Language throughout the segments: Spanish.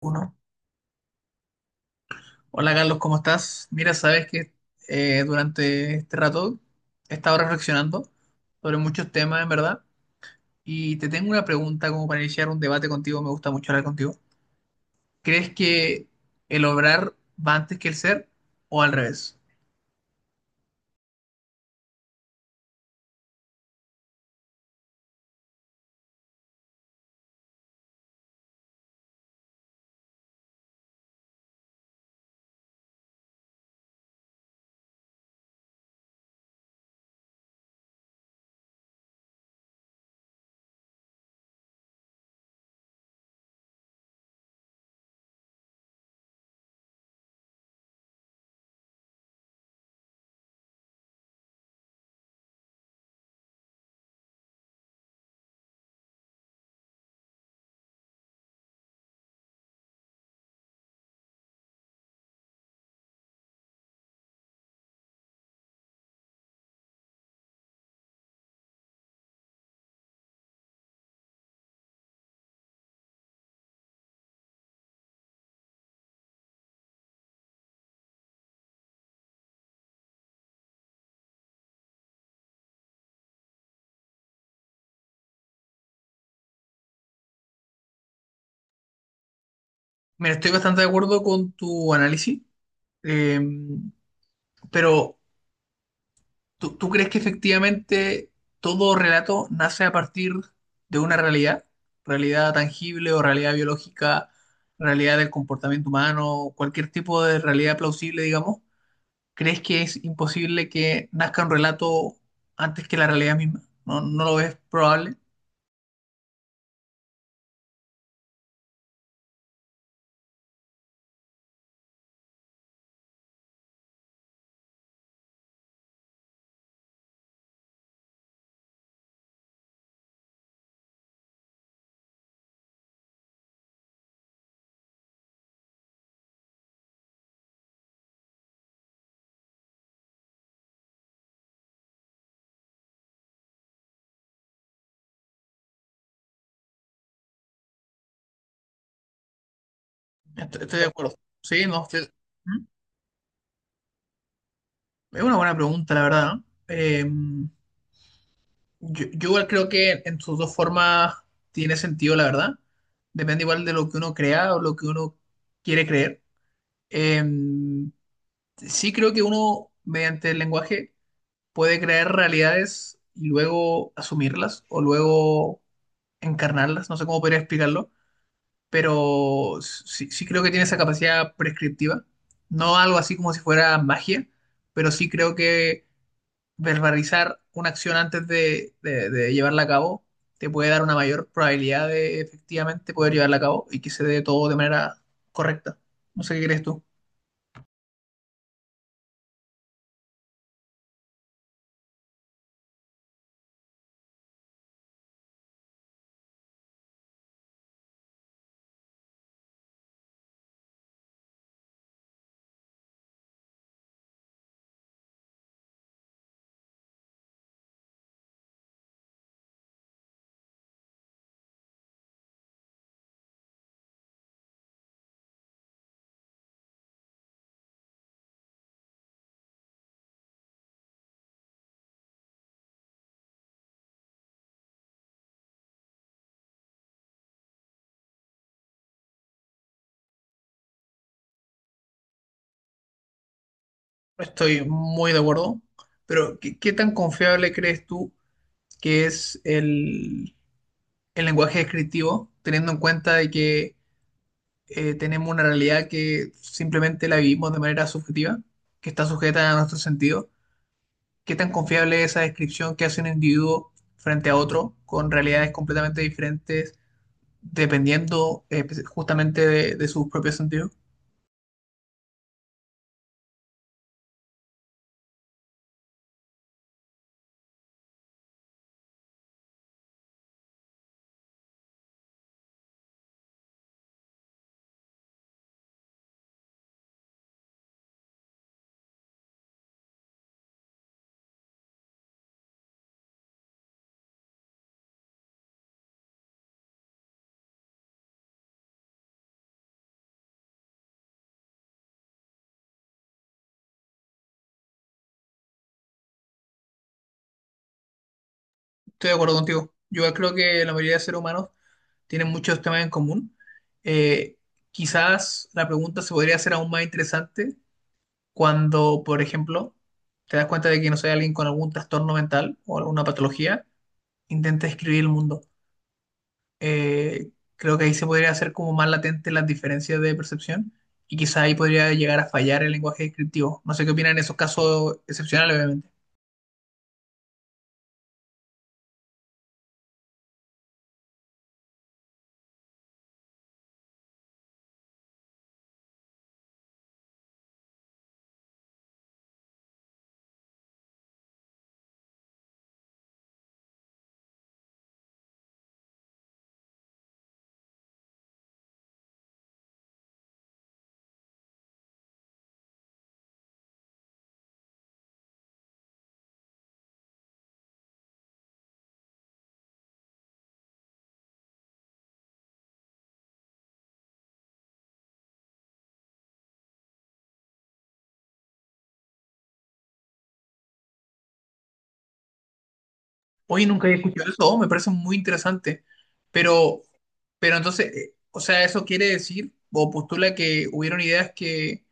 Uno. Hola Carlos, ¿cómo estás? Mira, sabes que durante este rato he estado reflexionando sobre muchos temas, en verdad, y te tengo una pregunta como para iniciar un debate contigo, me gusta mucho hablar contigo. ¿Crees que el obrar va antes que el ser o al revés? Mira, estoy bastante de acuerdo con tu análisis, eh, pero ¿Tú crees que efectivamente todo relato nace a partir de una realidad? ¿Realidad tangible o realidad biológica, realidad del comportamiento humano, cualquier tipo de realidad plausible, digamos? ¿Crees que es imposible que nazca un relato antes que la realidad misma? ¿No, no lo ves probable? Estoy de acuerdo. Sí, no, ¿Mm? Es una buena pregunta, la verdad, ¿no? Yo igual creo que en sus dos formas tiene sentido, la verdad. Depende igual de lo que uno crea o lo que uno quiere creer. Eh, sí creo que uno, mediante el lenguaje, puede crear realidades y luego asumirlas o luego encarnarlas. No sé cómo podría explicarlo, pero sí, sí creo que tiene esa capacidad prescriptiva. No algo así como si fuera magia, pero sí creo que verbalizar una acción antes de llevarla a cabo te puede dar una mayor probabilidad de efectivamente poder llevarla a cabo y que se dé todo de manera correcta. No sé qué crees tú. Estoy muy de acuerdo, pero ¿qué tan confiable crees tú que es el lenguaje descriptivo, teniendo en cuenta de que tenemos una realidad que simplemente la vivimos de manera subjetiva, que está sujeta a nuestros sentidos? ¿Qué tan confiable es esa descripción que hace un individuo frente a otro con realidades completamente diferentes dependiendo justamente de sus propios sentidos? Estoy de acuerdo contigo. Yo creo que la mayoría de seres humanos tienen muchos temas en común. Eh, quizás la pregunta se podría hacer aún más interesante cuando, por ejemplo, te das cuenta de que no soy alguien con algún trastorno mental o alguna patología, intenta describir el mundo. eh, creo que ahí se podría hacer como más latente las diferencias de percepción y quizá ahí podría llegar a fallar el lenguaje descriptivo. No sé qué opinan en esos casos excepcionales, obviamente. Hoy nunca he escuchado eso, oh, me parece muy interesante, pero, pero entonces, o sea, eso quiere decir o postula que hubieron ideas que,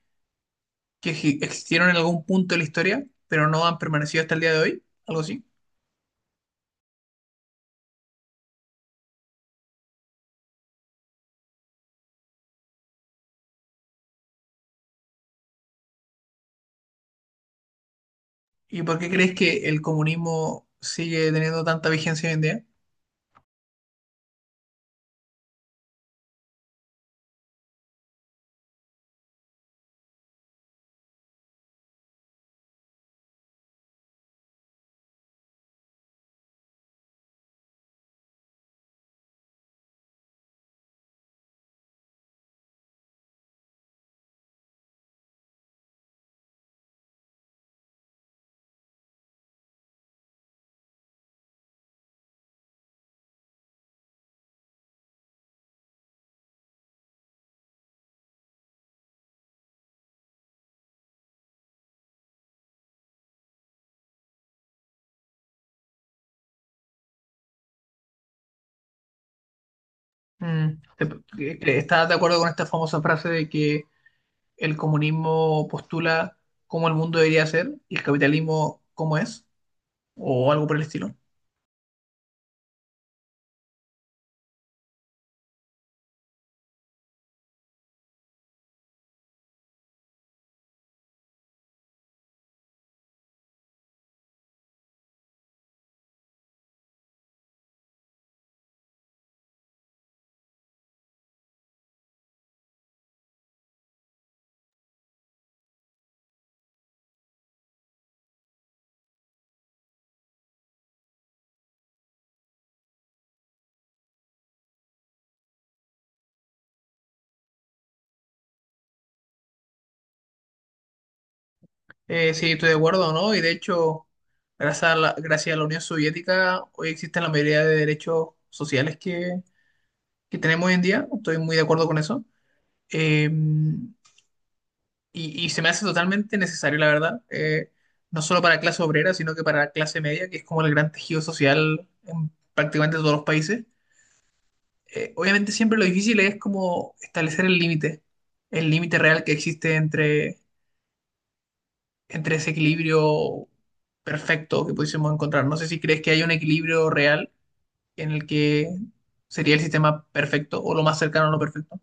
que existieron en algún punto de la historia, pero no han permanecido hasta el día de hoy, algo así. ¿Y por qué crees que el comunismo sigue teniendo tanta vigencia hoy en día? Mm, te- ¿Estás de acuerdo con esta famosa frase de que el comunismo postula cómo el mundo debería ser y el capitalismo cómo es? O algo por el estilo. Sí, estoy de acuerdo, ¿no? Y de hecho, gracias a la Unión Soviética, hoy existen la mayoría de derechos sociales que tenemos hoy en día. Estoy muy de acuerdo con eso. Eh, y se me hace totalmente necesario, la verdad. No solo para clase obrera, sino que para clase media, que es como el gran tejido social en prácticamente todos los países obviamente siempre lo difícil es como establecer el límite real que existe entre, entre ese equilibrio perfecto que pudiésemos encontrar. No sé si crees que hay un equilibrio real en el que sería el sistema perfecto o lo más cercano a lo perfecto.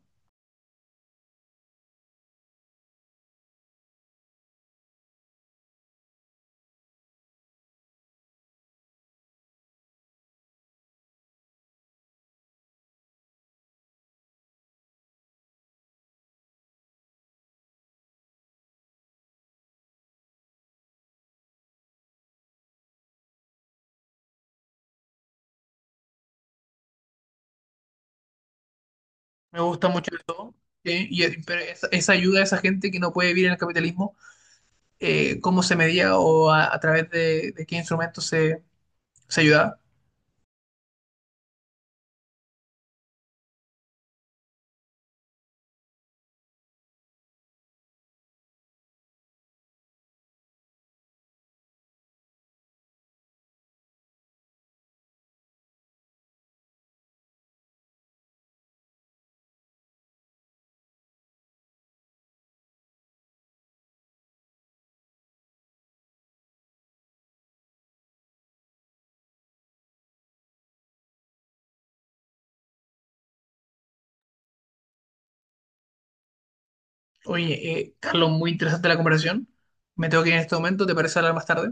Me gusta mucho eso. Sí, y pero esa ayuda a esa gente que no puede vivir en el capitalismo, cómo se medía o a través de qué instrumentos se, se ayudaba. Oye, Carlos, muy interesante la conversación. Me tengo que ir en este momento, ¿te parece hablar más tarde?